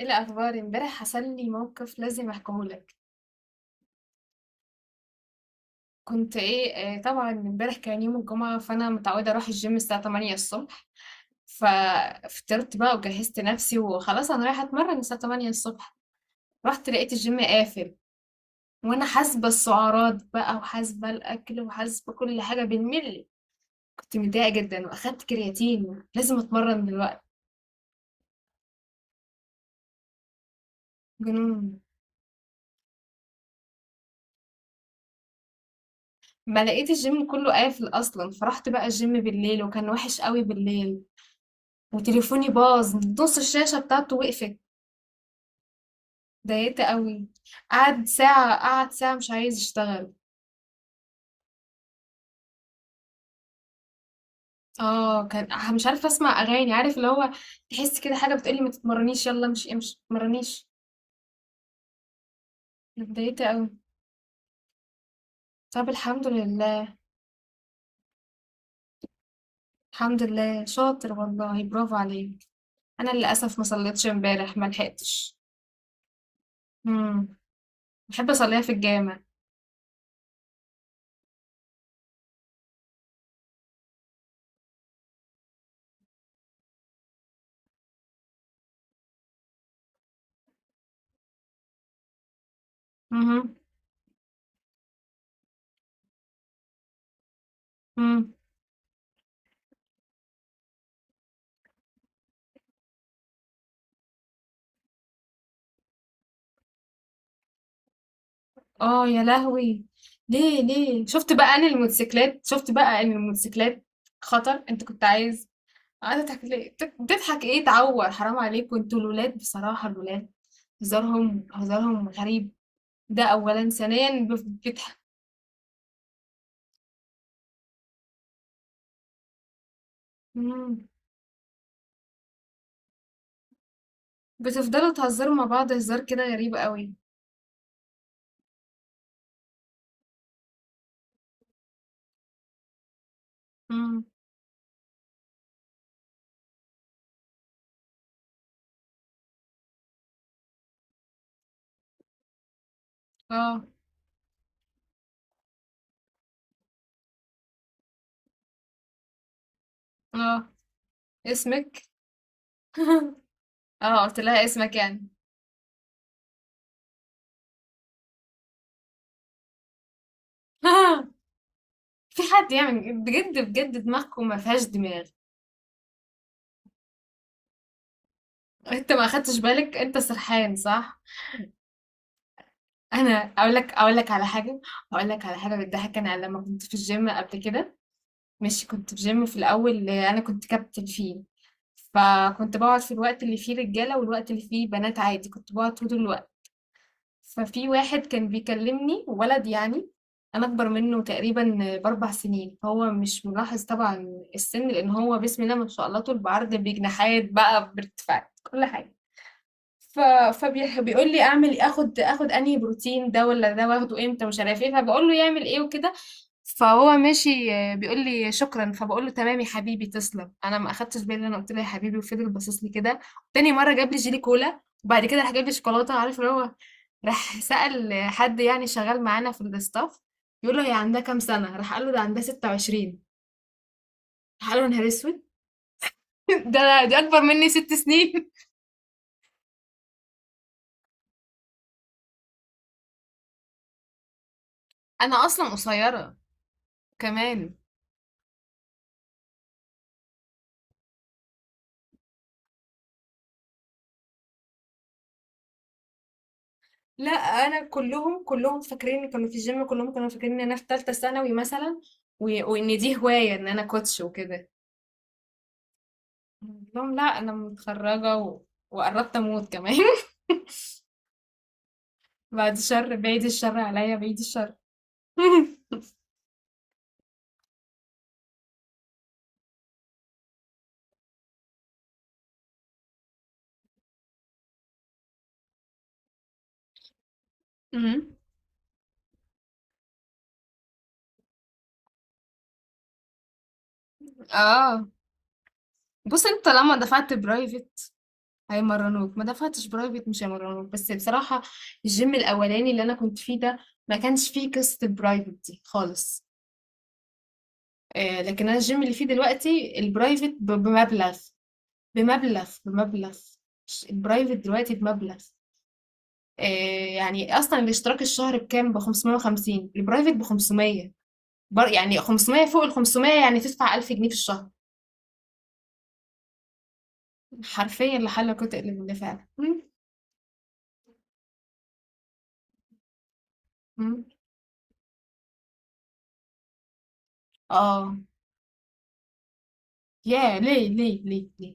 ايه الاخبار؟ امبارح حصل لي موقف لازم احكيه لك. كنت ايه آه، طبعا امبارح كان يوم الجمعه، فانا متعوده اروح الجيم الساعه 8 الصبح. ففطرت بقى وجهزت نفسي وخلاص انا رايحه اتمرن الساعه 8 الصبح. رحت لقيت الجيم قافل، وانا حاسبه السعرات بقى وحاسبه الاكل وحاسبه كل حاجه بالملي. كنت متضايقه جدا واخدت كرياتين، لازم اتمرن دلوقتي. جنون. ما لقيت الجيم كله قافل اصلا، فرحت بقى الجيم بالليل وكان وحش قوي بالليل. وتليفوني باظ، نص الشاشة بتاعته وقفت. ضايقت قوي. قعد ساعة، قعد ساعة مش عايز يشتغل. اه، كان مش عارفة اسمع اغاني، عارف اللي هو. تحس كده حاجة بتقولي ما تتمرنيش، يلا امشي امشي ما تتمرنيش. اتضايقت قوي. طب الحمد لله. الحمد لله، شاطر والله، برافو عليك. انا للاسف ما صليتش امبارح، ما لحقتش. امم. بحب اصليها في الجامع. امم. آه يا لهوي! ليه ليه؟ شُفت بقى أنا الموتوسيكلات، شُفت بقى إن الموتوسيكلات خطر. أنت كنت عايز... قاعد تضحك ليه؟ بتضحك إيه؟ تعوّر، حرام عليك. وأنتم الولاد، بصراحة الولاد هزارهم هزارهم غريب. ده أولًا، ثانيًا بف بتح إمم. بتفضلوا تهزروا مع بعض هزار كده غريب أوي. إمم. آه، آه، اسمِك؟ آه، قُلت لها اسمك يعني. في حد يعمل بجد بجد؟ دماغكم ما فيهاش دماغ. انت ما اخدتش بالك، انت سرحان صح؟ انا اقول لك، اقول لك على حاجه، اقول لك على حاجه بتضحك. انا لما كنت في الجيم قبل كده، ماشي، كنت في جيم في الاول انا كنت كابتن فيه. فكنت بقعد في الوقت اللي فيه رجاله والوقت اللي فيه بنات عادي، كنت بقعد طول الوقت. ففي واحد كان بيكلمني، ولد يعني. انا اكبر منه تقريبا ب4 سنين، هو مش ملاحظ طبعا السن، لان هو بسم الله ما شاء الله طول بعرض بجناحات بقى بارتفاعات كل حاجه. ف فبيقول لي اعمل إيه؟ اخد انهي بروتين، ده ولا ده، واخده امتى، مش عارف ايه، فبقول له يعمل ايه وكده. فهو ماشي، آه، بيقول لي شكرا، فبقول له تمام يا حبيبي تسلم. انا ما اخدتش بالي إن انا قلت له يا حبيبي، وفضل باصص لي كده. تاني مره جاب لي جيلي كولا وبعد كده راح جاب لي شوكولاته، عارف اللي هو. راح سأل حد يعني شغال معانا في الستاف، بيقول له هي عندها كام سنه، راح قال له ده عندها 26. راح قال له يا نهار اسود! ده دي اكبر مني 6 سنين. انا اصلا قصيره كمان. لا، انا كلهم كلهم فاكرين، كانوا في الجيم كلهم كانوا فاكرين ان انا في ثالثه ثانوي مثلا، وان دي هوايه، ان انا كوتش وكده. قلت لهم لا انا متخرجه و... وقربت اموت كمان. بعد شر، بعيد الشر عليا، بعيد الشر. أمم. اه. بص، انت لما دفعت برايفت هيمرنوك، ما دفعتش برايفت مش هيمرنوك، بس بصراحة الجيم الأولاني اللي أنا كنت فيه ده ما كانش فيه قصة البرايفت دي خالص. آه، لكن أنا الجيم اللي فيه دلوقتي البرايفت بمبلغ. بمبلغ. الprivate دلوقتي بمبلغ. آآ يعني أصلًا الاشتراك الشهر بكام؟ ب550، الprivate ب500. بر يعني 500 فوق ال500، يعني تدفع 1000 جنيه في الشهر. حرفيًا لا حل ولا قوة إلا بالله فعلًا. إمم. إمم. آه. ياه! ليه، ليه، ليه، ليه؟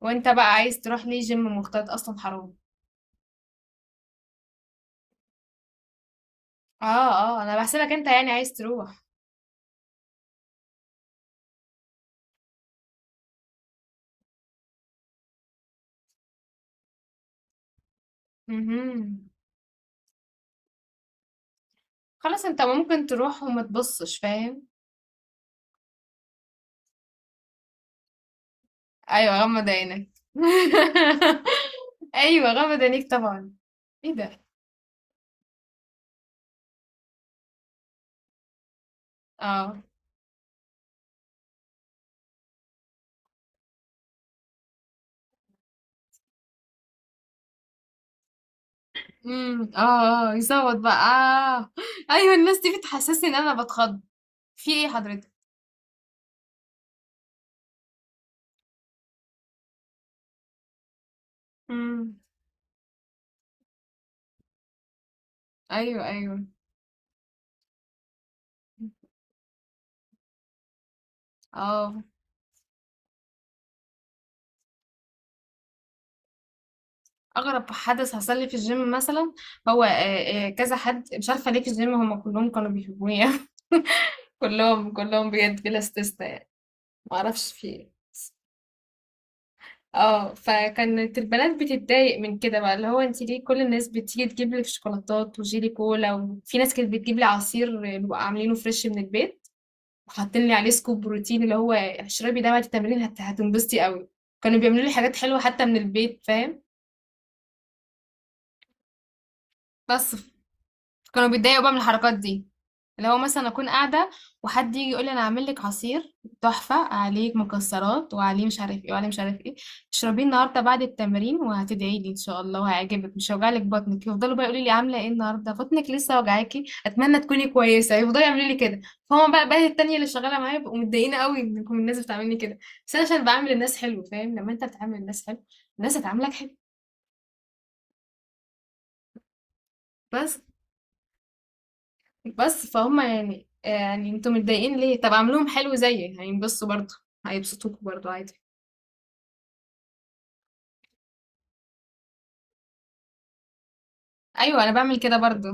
وأنت بقى عايز تروح ليه gym مختلط أصلًا، حرام! آه، آه، أنا باحسبك أنت يعني عايز تروح. اهم. خلاص أنت ممكن تروح وما تبصش، فاهم؟ ايوه غمض عينك. ايوه غمض عينيك طبعا. ايه ده؟ اه. امم. اه اه يصوت بقى. آه. ايوه الناس دي بتحسسني ان انا بتخض. في ايه حضرتك؟ امم. ايوه، ايوه. اه. اغرب حدث حصل لي في الجيم مثلا، هو آه، آه، كذا حد مش عارفه ليه في الجيم هم كلهم كانوا بيحبوني. كلهم كلهم بجد بلا استثناء. ما اعرفش في ايه. اه. فكانت البنات بتتضايق من كده بقى، اللي هو انت ليه كل الناس بتيجي تجيب لي شوكولاتات وجيلي كولا. وفي ناس كانت بتجيب لي عصير بيبقى عاملينه فريش من البيت، وحاطين لي عليه سكوب بروتين، اللي هو اشربي ده بعد التمرين هتنبسطي قوي. كانوا بيعملوا لي حاجات حلوه حتى من البيت، فاهم. بس كانوا بيتضايقوا بقى من الحركات دي، اللي هو مثلا اكون قاعده وحد يجي يقول لي انا هعمل لك عصير تحفه، عليه مكسرات وعليه مش عارف ايه وعليه مش عارف ايه، اشربيه النهارده بعد التمرين وهتدعي لي ان شاء الله وهيعجبك، مش هيوجع لك بطنك. يفضلوا بقى يقولوا لي عامله ايه النهارده، بطنك لسه وجعاكي، اتمنى تكوني كويسه. يفضلوا يعملوا لي كده. فهم بقى التانيه اللي شغاله معايا بيبقوا متضايقين قوي انكم الناس بتعاملني كده. بس انا عشان بعامل الناس حلو، فاهم، لما انت بتعامل الناس حلو الناس هتعاملك حلو. بس. بس فهم يعني، يعني انتوا متضايقين ليه؟ طب اعملوهم حلو زيي هينبسطوا برضو، هيبسطوكوا برضو عادي. ايوه انا بعمل كده برضو.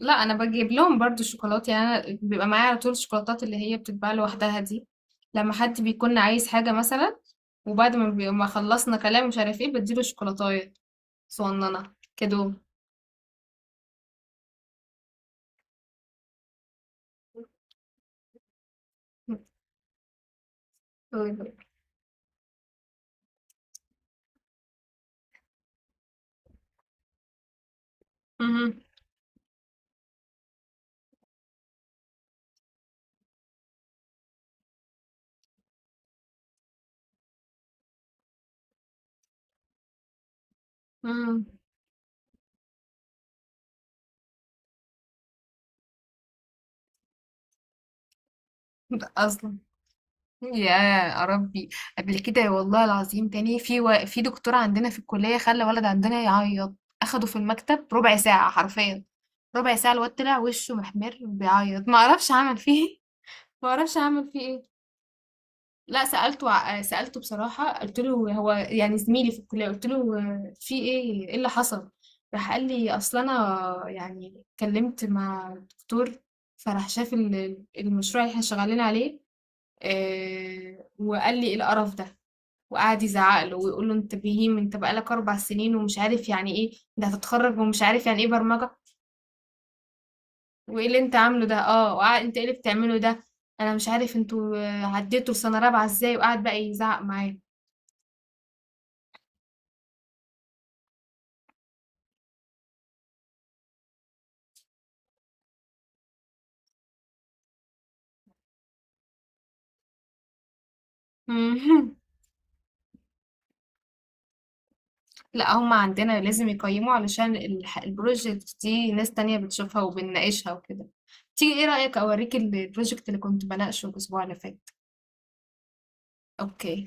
لا انا بجيب لهم برضو الشوكولاتة يعني. انا بيبقى معايا على طول الشوكولاتات اللي هي بتتباع لوحدها دي لما حد بيكون عايز حاجة مثلا. وبعد ما ما خلصنا كلام مش عارف ايه بديله شوكولاتاية صغننة كده. مهم. مهم. ده اصلا. يا ربي! قبل كده والله العظيم تاني في و... في دكتور عندنا في الكلية خلى ولد عندنا يعيط. أخده في المكتب ربع ساعة حرفيا، ربع ساعة. الواد طلع وشه محمر بيعيط، ما اعرفش عمل فيه ايه. ما اعرفش عمل فيه ايه. لا سألته، سألته بصراحة. قلت له هو يعني زميلي في الكلية، قلت له آه، في ايه، ايه اللي حصل. راح قال لي اصل انا يعني اتكلمت مع الدكتور، فراح شاف المشروع اللي احنا شغالين عليه، آه، وقال لي ايه القرف ده. وقعد يزعق له ويقول له انت بهيم، انت بقالك 4 سنين ومش عارف يعني ايه، ده هتتخرج ومش عارف يعني ايه برمجة. وايه اللي انت عامله ده، اه، انت ايه اللي بتعمله ده. انا مش عارف انتوا آه، عديتوا لسنة رابعة ازاي، وقعد بقى يزعق معايا. لا هم عندنا لازم يقيموا علشان البروجكت دي ناس تانية بتشوفها وبنناقشها وكده. تيجي ايه رأيك اوريك البروجكت اللي كنت بناقشه الاسبوع اللي فات. اوكي.